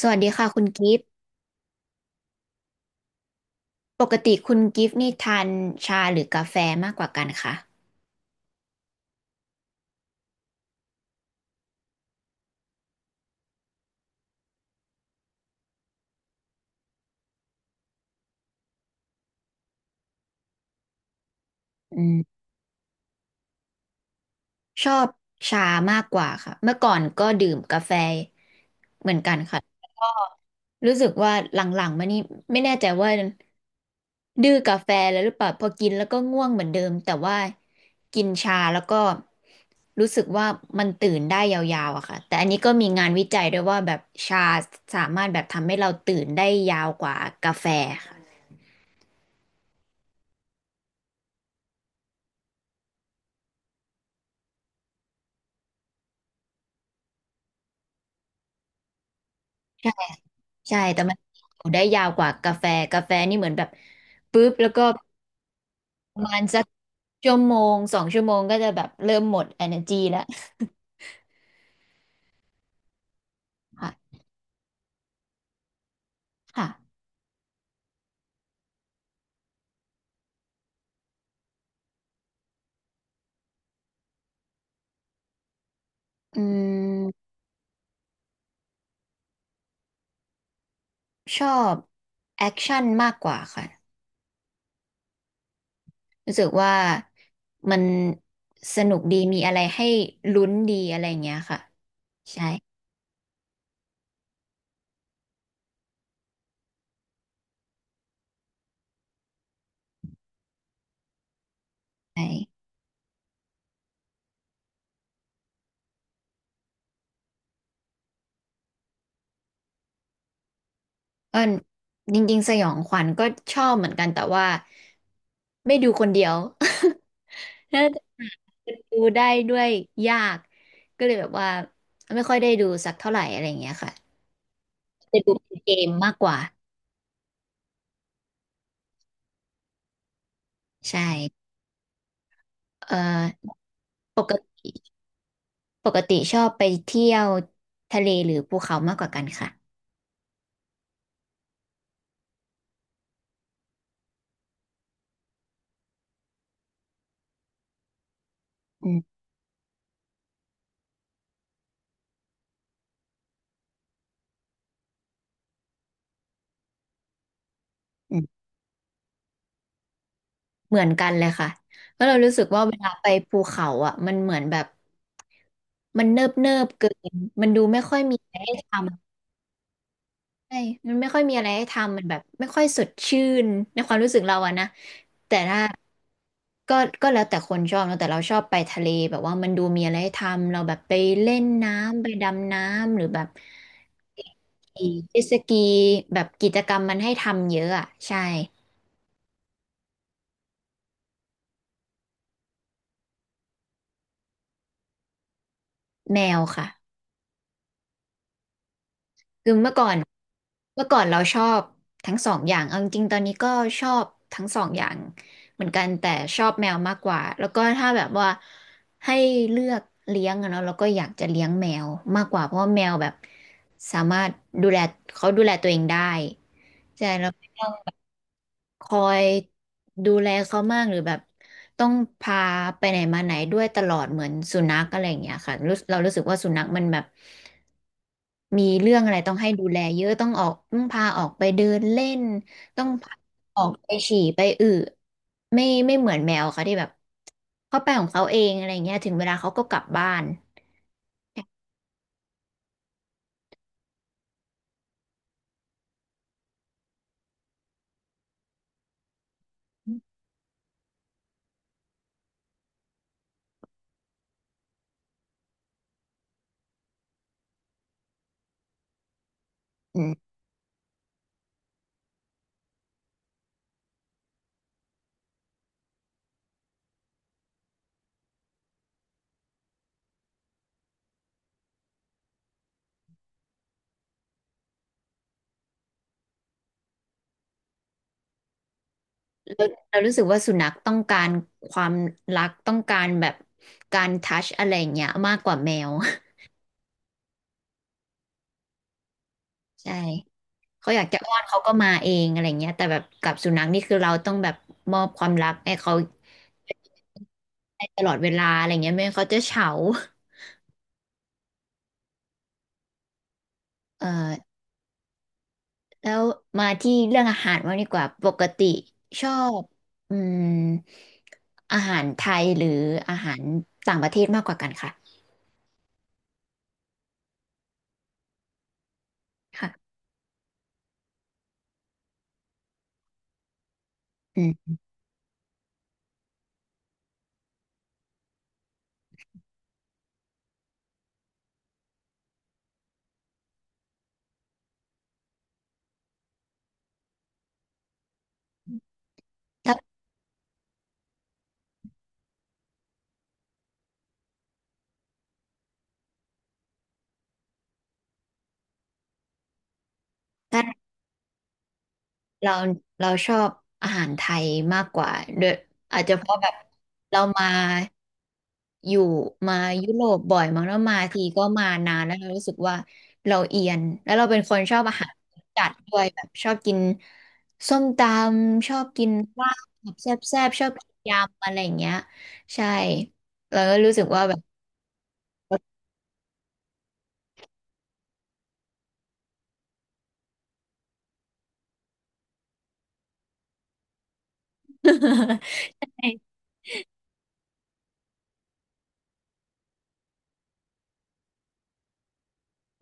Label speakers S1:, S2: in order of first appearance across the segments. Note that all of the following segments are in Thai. S1: สวัสดีค่ะคุณกิฟต์ปกติคุณกิฟต์นี่ทานชาหรือกาแฟมากกว่ากันคะอืมชอบชามากกว่าค่ะเมื่อก่อนก็ดื่มกาแฟเหมือนกันค่ะรู้สึกว่าหลังๆมานี่ไม่แน่ใจว่าดื้อกาแฟแล้วหรือเปล่าพอกินแล้วก็ง่วงเหมือนเดิมแต่ว่ากินชาแล้วก็รู้สึกว่ามันตื่นได้ยาวๆอะค่ะแต่อันนี้ก็มีงานวิจัยด้วยว่าแบบชาสามารถแบบทำให้เราตื่นได้ยาวกว่ากาแฟค่ะ ใช่ แต่มันอยู่ได้ยาวกว่ากาแฟ กาแฟนี่เหมือนแบบปุ๊บแล้วก็ประมาณสักชั่วโมงสองชั่วโมงก็จะแบบเริ่มหมด energy แล้วค่ะค่ะอืมชอบแอคชั่นมากกว่าค่ะรู้สึกว่ามันสนุกดีมีอะไรให้ลุ้นดีอะไรอย่างเงี้ยค่ะใช่ใช่เออจริงๆสยองขวัญก็ชอบเหมือนกันแต่ว่าไม่ดูคนเดียว ถ้าดูได้ด้วยยากก็เลยแบบว่าไม่ค่อยได้ดูสักเท่าไหร่อะไรอย่างเงี้ยค่ะจะดูเป็นเกมมากกว่าใช่เอ่อปกติปกติชอบไปเที่ยวทะเลหรือภูเขามากกว่ากันค่ะอืมอืมเหมือนกันเลยค่ะเพราะเรารู้สึกว่าเวลาไปภูเขาอ่ะมันเหมือนแบบมันเนิบเนิบเกินมันดูไม่ค่อยมีอะไรให้ท ใช่มันไม่ค่อยมีอะไรให้ทำมันแบบไม่ค่อยสดชื่นในความรู้สึกเราอะนะ แต่ถ้าก็ก็แล้วแต่คนชอบเนอะแต่เราชอบไปทะเลแบบว่ามันดูมีอะไรให้ทำ เราแบบไปเล่นน้ำไปดำน้ำหรือแบบขี่เจ็ตสกีแบบกิจกรรมมันให้ทำเยอะอะใช่แมวค่ะ คือเมื่อก่อนเราชอบทั้งสองอย่างเอาจริงๆตอนนี้ก็ชอบทั้งสองอย่างเหมือนกันแต่ชอบแมวมากกว่าแล้วก็ถ้าแบบว่าให้เลือกเลี้ยงอะเนาะเราก็อยากจะเลี้ยงแมวมากกว่าเพราะว่าแมวแบบสามารถดูแลเขาดูแลตัวเองได้ใช่แล้ว คอยดูแลเขามากหรือแบบต้องพาไปไหนมาไหนด้วยตลอดเหมือนสุนัขอะไรอย่างเงี้ยค่ะเรารู้สึกว่าสุนัขมันแบบมีเรื่องอะไรต้องให้ดูแลเยอะต้องออกต้องพาออกไปเดินเล่นต้องพาออกไปฉี่ไปอึไม่เหมือนแมวค่ะที่แบบเขาไปของเขาเองอะไรเงี้ยถึงเวลาเขาก็กลับบ้านอืมเรารู้สึกว่าสุนัขต้องการความรักต้องการแบบการทัชอะไรอย่างเงี้ยมากกว่าแมว ใช่ เขาอยากจะอ้อนเขาก็มาเองอะไรเงี้ยแต่แบบกับสุนัขนี่คือเราต้องแบบมอบความรักให้เขาได้ตลอดเวลาอะไรเงี้ยไม่งั้นเขาจะเฉาเอ่อแล้วมาที่เรื่องอาหารว่างดีกว่าปกติชอบอืมอาหารไทยหรืออาหารต่างประเทศมากกว่ากันค่ะค่ะอืมถ้าถ้า เราเราชอบอาหารไทยมากกว่าด้วยอาจจะเพราะแบบเรามาอยู่มายุโรปบ่อยมั้งแล้วมาทีก็มานานแล้วเรารู้สึกว่าเราเอียนแล้วเราเป็นคนชอบอาหารจัดด้วยแบบชอบกินส้มตำชอบกินลาบแบบแซ่บๆชอบกินยำอะไรอย่างเงี้ยใช่เราก็รู้สึกว่าแบบ ใช่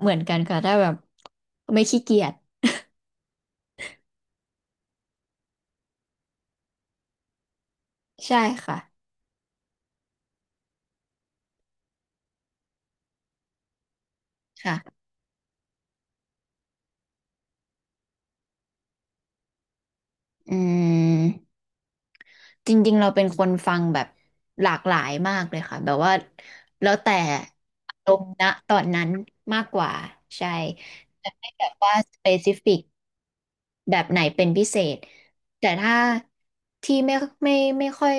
S1: เหมือนกันค่ะถ้าแบบไม่ขี้เกียจใช่ค่ะค่ะอืม จริงๆเราเป็นคนฟังแบบหลากหลายมากเลยค่ะแบบว่าแล้วแต่อารมณ์ณตอนนั้นมากกว่าใช่แต่ไม่แบบว่าสเปซิฟิกแบบไหนเป็นพิเศษแต่ถ้าที่ไม่ไม่ค่อย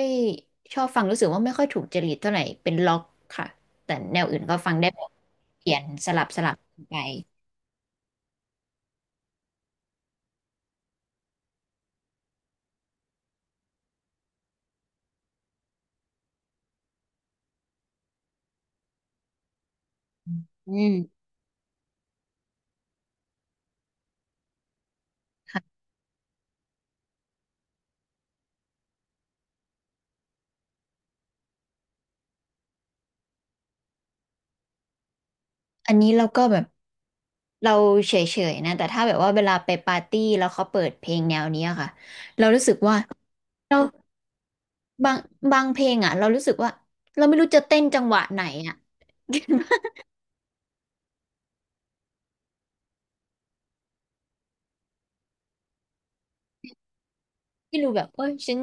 S1: ชอบฟังรู้สึกว่าไม่ค่อยถูกจริตเท่าไหร่เป็นล็อกค่ะแต่แนวอื่นก็ฟังได้แบบเปลี่ยนสลับสลับไปอืมค่ะอันนี้เราก็แบบ เราเฉยๆนะแต่ถ้าแบบว่าเวลาไปปาร์ตี้แล้วเขาเปิดเพลงแนวเนี้ยค่ะเรารู้สึกว่าเราบางบางเพลงอ่ะเรารู้สึกว่าเราไม่รู้จะเต้นจังหวะไหนอ่ะ ไม่รู้แบบเอ้ยฉัน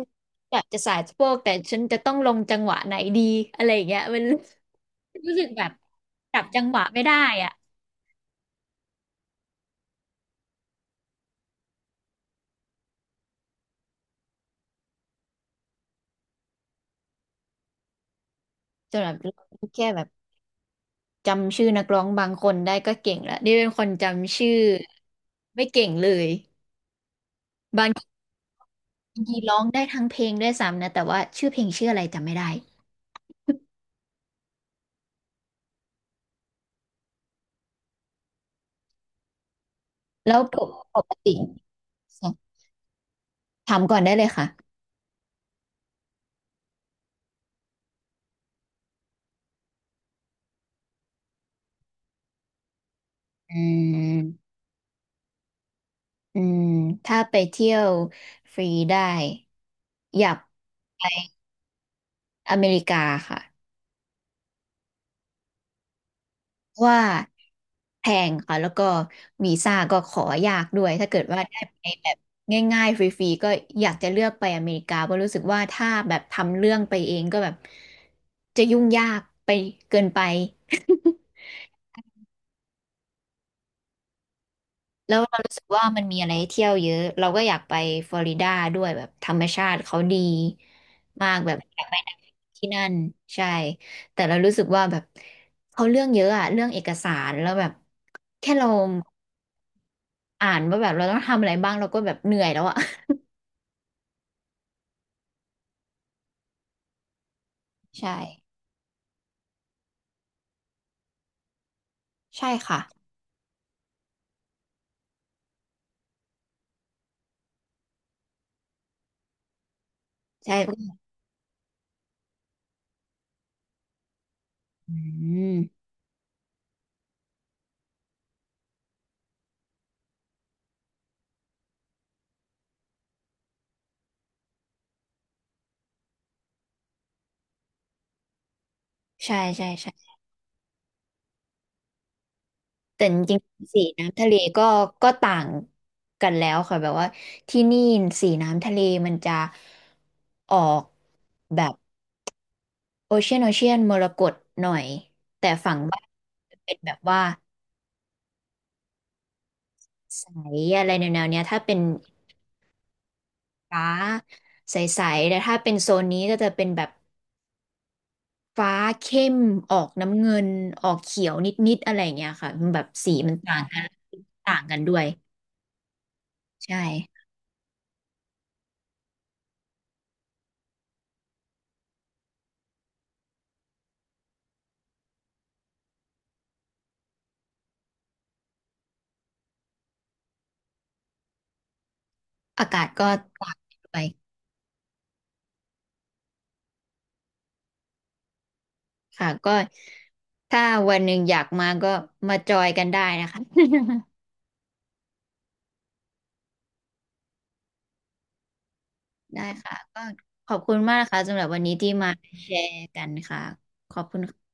S1: อยากจะสายสะโพกแต่ฉันจะต้องลงจังหวะไหนดีอะไรอย่างเงี้ยมันรู้สึกแบบจับจังหวะไม่ได้อ่ะจนแบบแค่แบบจำชื่อนักร้องบางคนได้ก็เก่งแล้วนี่เป็นคนจำชื่อไม่เก่งเลย ยีร้องได้ทั้งเพลงด้วยซ้ำนะแต่ว่าชื่อเพลงชื่ออะไรจำไม่ได้แล้วปกปกติถามก่อนได้เลยค่ะอืมอืมถ้าไปเที่ยวฟรีได้อยากไปอเมริกาค่ะะว่าแพงค่ะแล้วก็วีซ่าก็ขอยากด้วยถ้าเกิดว่าได้ไปแบบง่ายๆฟรีๆก็อยากจะเลือกไปอเมริกาเพราะรู้สึกว่าถ้าแบบทำเรื่องไปเองก็แบบจะยุ่งยากไปเกินไป แล้วเรารู้สึกว่ามันมีอะไรให้เที่ยวเยอะเราก็อยากไปฟลอริดาด้วยแบบธรรมชาติเขาดีมากแบบอยากไปที่นั่นใช่แต่เรารู้สึกว่าแบบเขาเรื่องเยอะอะเรื่องเอกสารแล้วแบบแค่เราอ่านว่าแบบเราต้องทำอะไรบ้างเราก็แบบเหนื่อยแล้วอะใช่ใช่ค่ะใช่อืมใช่ใช่ใช่ แต่จริงๆสีน้ำทะเลก็ต่างกันแล้วค่ะแบบว่าที่นี่สีน้ำทะเลมันจะออกแบบโอเชียนมรกตหน่อยแต่ฝั่งบ้านเป็นแบบว่าใสอะไรแนวๆเนี้ยถ้าเป็นฟ้าใสๆแต่ถ้าเป็นโซนนี้ก็จะเป็นแบบฟ้าเข้มออกน้ำเงินออกเขียวนิดๆอะไรอย่างเงี้ยค่ะมันแบบสีมันต่างกันต่างกันด้วยใช่อากาศก็ต่างกันด้วย ค่ะก็ถ้าวันหนึ่งอยากมาก็มาจอยกันได้นะคะ ได้ค่ะก็ขอบคุณมากนะคะสำหรับวันนี้ที่มาแชร์กันค่ะขอบคุณค่ะ